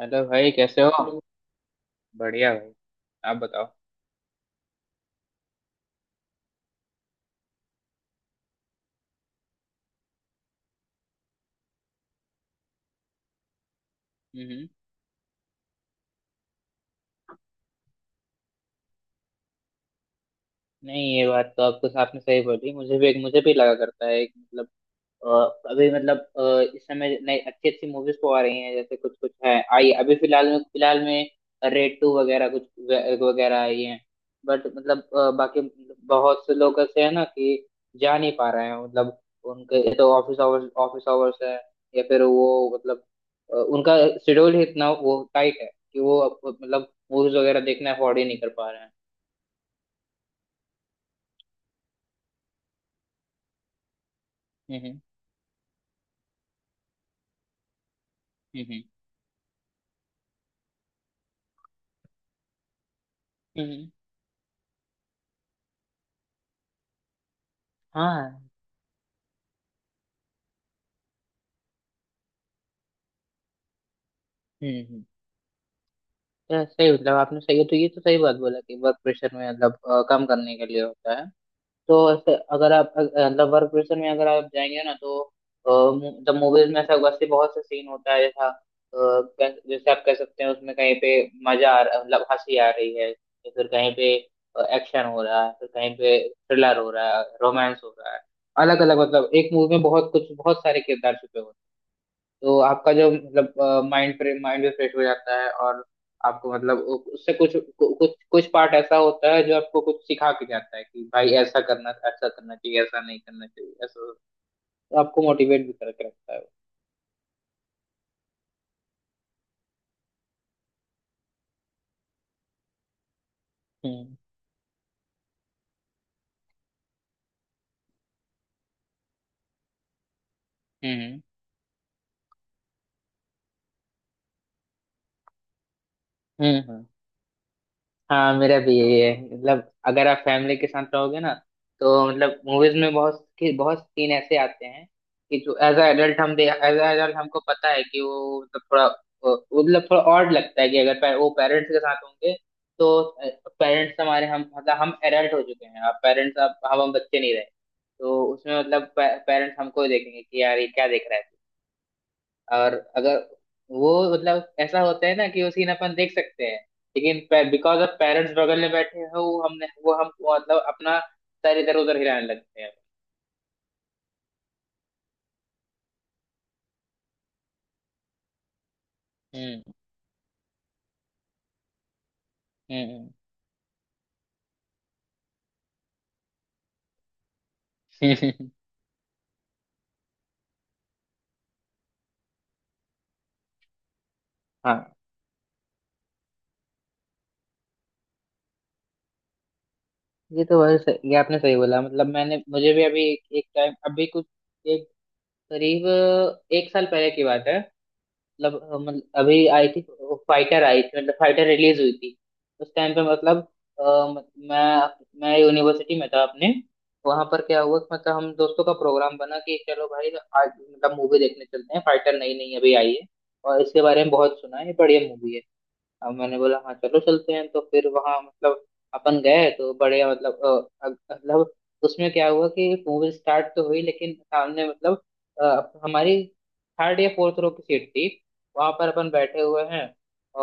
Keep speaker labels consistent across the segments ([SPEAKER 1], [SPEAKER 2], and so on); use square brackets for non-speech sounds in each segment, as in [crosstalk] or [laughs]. [SPEAKER 1] Hello भाई, कैसे हो? हेलो। बढ़िया भाई, आप बताओ। हम्म। नहीं, ये बात तो आपको आपने सही बोली, मुझे भी लगा करता है। एक मतलब, अ, अभी मतलब इस समय नई अच्छी अच्छी मूवीज तो आ रही हैं, जैसे कुछ कुछ है आई अभी फिलहाल में रेड टू वगैरह कुछ वगैरह आई हैं। बट मतलब बाकी बहुत से लोग ऐसे हैं ना कि जा नहीं पा रहे हैं। मतलब उनके तो ऑफिस आवर्स है, या फिर वो मतलब उनका शेड्यूल ही इतना वो टाइट है कि वो मतलब मूवीज वगैरह देखना अफोर्ड ही नहीं कर पा रहे हैं। हम्म हम्म। हम्म हम्म। हाँ। हम्म। यार सही, मतलब आपने सही है तो ये तो सही बात बोला कि वर्क प्रेशर में मतलब कम करने के लिए होता है। तो ऐसे अगर आप मतलब वर्क प्रेशर में अगर आप जाएंगे ना तो द मूवीज में ऐसा वैसे बहुत से सीन होता है, जैसा जैसे आप कह सकते हैं, उसमें कहीं पे मजा आ रहा, मतलब हंसी आ रही है, या फिर कहीं पे एक्शन हो रहा है, फिर कहीं पे थ्रिलर हो रहा है, रोमांस हो रहा है। अलग अलग, मतलब एक मूवी में बहुत कुछ, बहुत सारे किरदार छुपे होते हैं। तो आपका जो मतलब माइंड माइंड भी फ्रेश हो जाता है, और आपको मतलब उससे कुछ कुछ कुछ पार्ट ऐसा होता है जो आपको कुछ सिखा के जाता है कि भाई ऐसा करना, ऐसा करना चाहिए, ऐसा नहीं करना चाहिए, ऐसा। तो आपको मोटिवेट भी करके रखता है वो। हम्म। हम्म हम्म। हाँ मेरा भी यही है, मतलब अगर आप फैमिली के साथ रहोगे ना, तो मतलब मूवीज में बहुत सीन ऐसे आते हैं कि जो एज अ एडल्ट हम एज अ एडल्ट हमको पता है कि वो मतलब थोड़ा वो, मतलब थोड़ा ऑड लगता है कि अगर पे, वो पेरेंट्स के साथ होंगे, तो पेरेंट्स हमारे, हम मतलब हम एडल्ट हो चुके हैं, अब पेरेंट्स अब हम बच्चे नहीं रहे। तो उसमें मतलब पेरेंट्स हमको देखेंगे कि यार ये क्या देख रहा है। और अगर वो मतलब ऐसा होता है ना कि वो सीन अपन देख सकते हैं, लेकिन बिकॉज ऑफ पेरेंट्स बगल में बैठे हैं, वो हमने, वो हम मतलब अपना सर इधर उधर हिलाने लगते हैं। हम्म हम्म। हम्म। [laughs] हाँ। ये तो बहुत सही, ये आपने सही बोला। मतलब मैंने, मुझे भी अभी एक टाइम, अभी कुछ एक, करीब एक साल पहले की बात है। मतलब अभी आई थी, फाइटर आई थी, मतलब फाइटर रिलीज हुई थी। उस टाइम पे मतलब अ, म- मैं यूनिवर्सिटी में था अपने। वहां पर क्या हुआ कि मतलब हम दोस्तों का प्रोग्राम बना कि चलो भाई आज मतलब मूवी देखने चलते हैं, फाइटर नई नई अभी आई है और इसके बारे में बहुत सुना है, बढ़िया मूवी है। अब मैंने बोला हाँ चलो चलते हैं। तो फिर वहां मतलब अपन गए, तो बड़े मतलब मतलब उसमें क्या हुआ कि मूवी स्टार्ट तो हुई, लेकिन सामने मतलब हमारी थर्ड या फोर्थ रो की सीट थी। वहां पर अपन बैठे हुए हैं,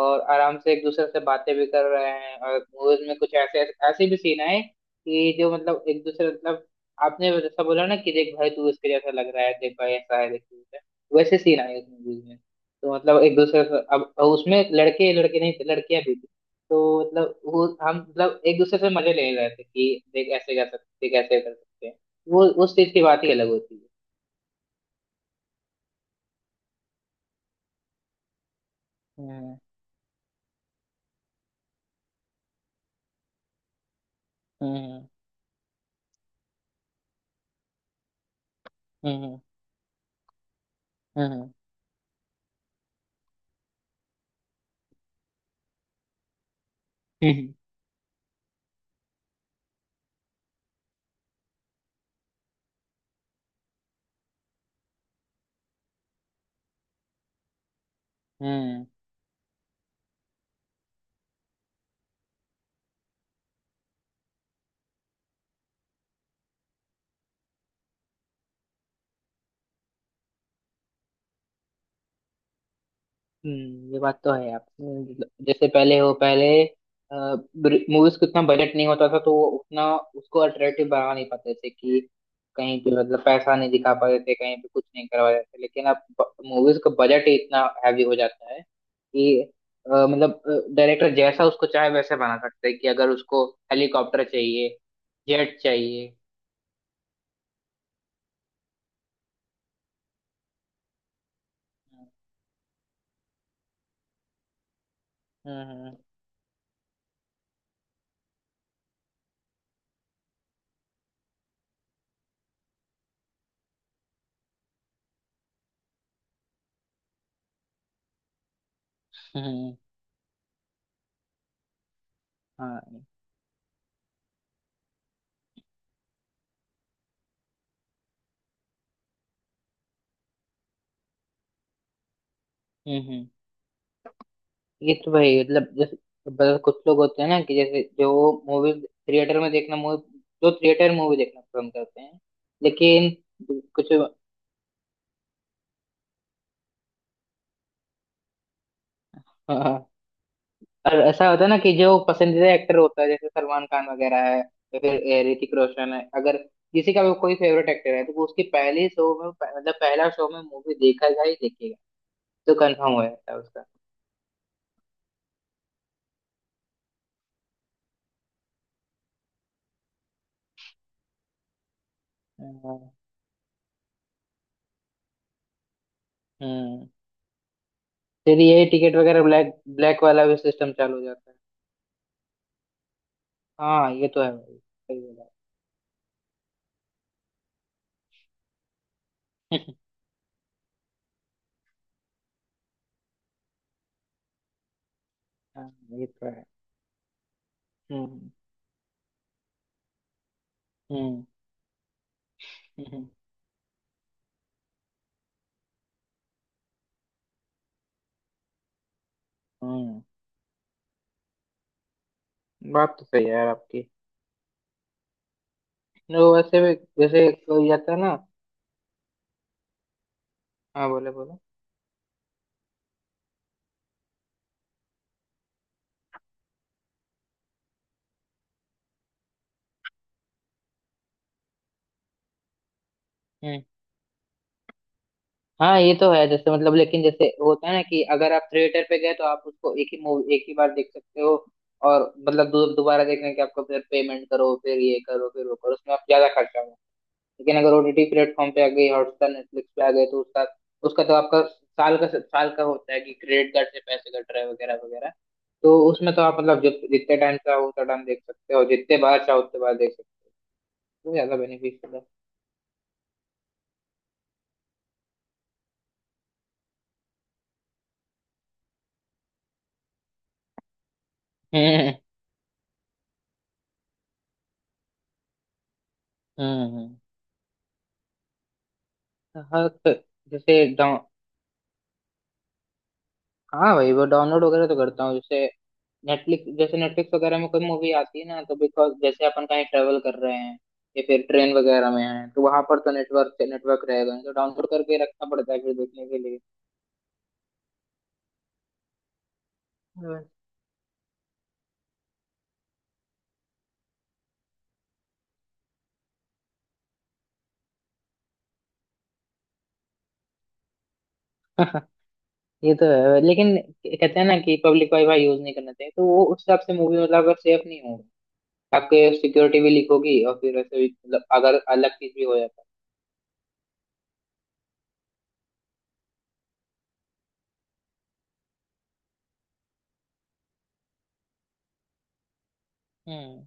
[SPEAKER 1] और आराम से एक दूसरे से बातें भी कर रहे हैं, और मूवीज में कुछ ऐसे ऐसे भी सीन आए कि जो मतलब एक दूसरे, मतलब आपने जैसा बोला ना कि देख भाई तू इसके जैसा लग रहा है, देख भाई ऐसा है, देख तू वैसा है, वैसे सीन आए उस मूवीज में। तो मतलब एक दूसरे से, अब उसमें लड़के लड़के नहीं थे, लड़कियां भी थी। तो मतलब वो हम मतलब एक दूसरे से मजे ले रहे थे कि देख ऐसे कर सकते हैं। वो उस चीज की बात ही अलग होती है। हम्म हम्म। हम्म हम्म हम्म हम्म, हम्म। हम्म। ये बात तो है। आप जैसे पहले हो, पहले मूवीज को इतना बजट नहीं होता था तो वो उतना उसको अट्रैक्टिव बना नहीं पाते थे, कि कहीं पे मतलब पैसा नहीं दिखा पाते थे, कहीं पे कुछ नहीं करवा पाते थे, लेकिन अब मूवीज का बजट ही इतना हैवी हो जाता है कि मतलब डायरेक्टर जैसा उसको चाहे वैसे बना सकते हैं, कि अगर उसको हेलीकॉप्टर चाहिए, जेट चाहिए। हम्म हम्म हम्म, हाँ। हम्म। ये तो भाई मतलब जैसे, मतलब कुछ लोग होते हैं ना कि जैसे जो मूवी थिएटर में देखना, मूवी जो थिएटर मूवी देखना पसंद करते हैं, लेकिन कुछ। हाँ, और ऐसा होता है ना कि जो पसंदीदा एक्टर होता है जैसे सलमान खान वगैरह है, या फिर ऋतिक रोशन है, अगर किसी का भी कोई फेवरेट एक्टर है तो वो उसकी पहली शो में, मतलब पहला शो में मूवी देखेगा ही देखेगा। तो कंफर्म हो जाता है उसका। हाँ। हम्म। फिर ये टिकट वगैरह ब्लैक ब्लैक वाला भी सिस्टम चालू हो जाता है। हाँ ये तो है भाई, सही बोला। हाँ ये तो है। हम्म। हम्म हम्म हम्म, बात तो सही है यार आपकी। नो वैसे भी, जैसे कोई जाता है ना। हाँ बोले बोले। हम्म। हाँ ये तो है, जैसे मतलब, लेकिन जैसे होता है ना कि अगर आप थिएटर पे गए तो आप उसको एक ही मूवी एक ही बार देख सकते हो, और मतलब दोबारा देखने के आपको फिर पेमेंट करो, फिर ये करो, फिर वो करो, उसमें आप ज्यादा खर्चा होगा। लेकिन अगर ओटीटी प्लेटफॉर्म पे आ गई, हॉटस्टार नेटफ्लिक्स पे आ गए तो उसका, उसका तो आपका साल का होता है कि क्रेडिट कार्ड से पैसे कट रहे हैं वगैरह वगैरह। तो उसमें तो आप मतलब जितने टाइम चाहो उतना टाइम देख सकते हो, जितने बार चाहो उतने बार देख सकते हो, तो ज्यादा बेनिफिशियल है। हम्म। हम्म। हाँ तो जैसे डाउन। हाँ भाई, वो डाउनलोड वगैरह तो करता हूँ, जैसे नेटफ्लिक्स वगैरह में कोई मूवी आती है ना तो बिकॉज जैसे अपन कहीं ट्रेवल कर रहे हैं या फिर ट्रेन वगैरह में है, तो वहां पर तो नेटवर्क नेटवर्क रहेगा नहीं, तो डाउनलोड करके रखना पड़ता है फिर देखने के लिए। हाँ। [laughs] ये तो है, लेकिन कहते हैं ना कि पब्लिक वाईफाई यूज नहीं करना चाहिए, तो वो उस हिसाब से मूवी, मतलब अगर सेफ नहीं हो, आपके सिक्योरिटी भी लीक होगी और फिर वैसे भी मतलब अगर अलग चीज भी हो जाता है। हम्म।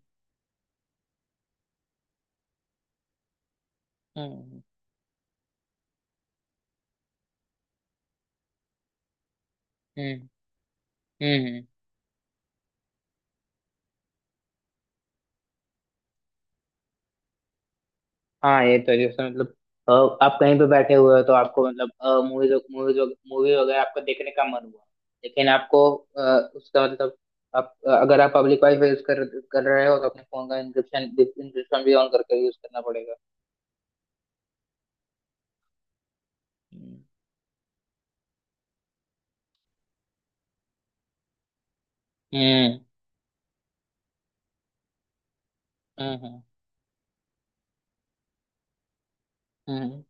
[SPEAKER 1] हम्म हम्म हम्म। हाँ ये तो है, जैसे मतलब अ, आप कहीं पे बैठे हुए हो तो आपको मतलब मूवीज मूवीज मूवी वगैरह आपको देखने का मन हुआ, लेकिन आपको अ, उसका मतलब, आप अगर आप पब्लिक वाईफाई यूज कर कर रहे हो तो अपने फोन का इंक्रिप्शन इंक्रिप्शन भी ऑन करके यूज करना पड़ेगा। हम्म हम्म हम्म हम्म।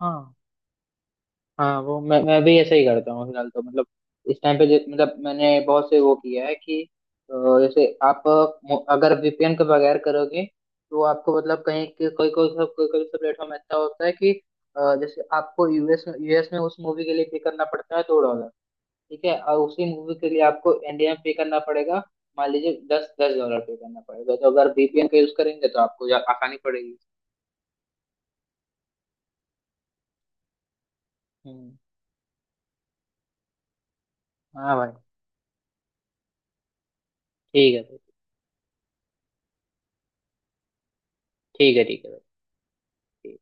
[SPEAKER 1] हाँ। हाँ वो मैं भी ऐसे ही करता हूँ फिलहाल तो, मतलब इस टाइम पे मतलब मैंने बहुत से वो किया है कि अ, जैसे आप अगर वीपीएन के बगैर करोगे तो आपको मतलब कहीं कोई कोई सा प्लेटफॉर्म ऐसा होता है कि जैसे आपको यूएस में उस मूवी के लिए पे करना पड़ता है $2, ठीक है, और उसी मूवी के लिए आपको इंडिया में पे करना पड़ेगा मान लीजिए दस $10 पे करना पड़ेगा, तो अगर वीपीएन का यूज करेंगे तो आपको आसानी पड़ेगी। हम्म। हाँ भाई। ठीक है। ठीक है, ठीक है, ठीक है भाई। ठीक।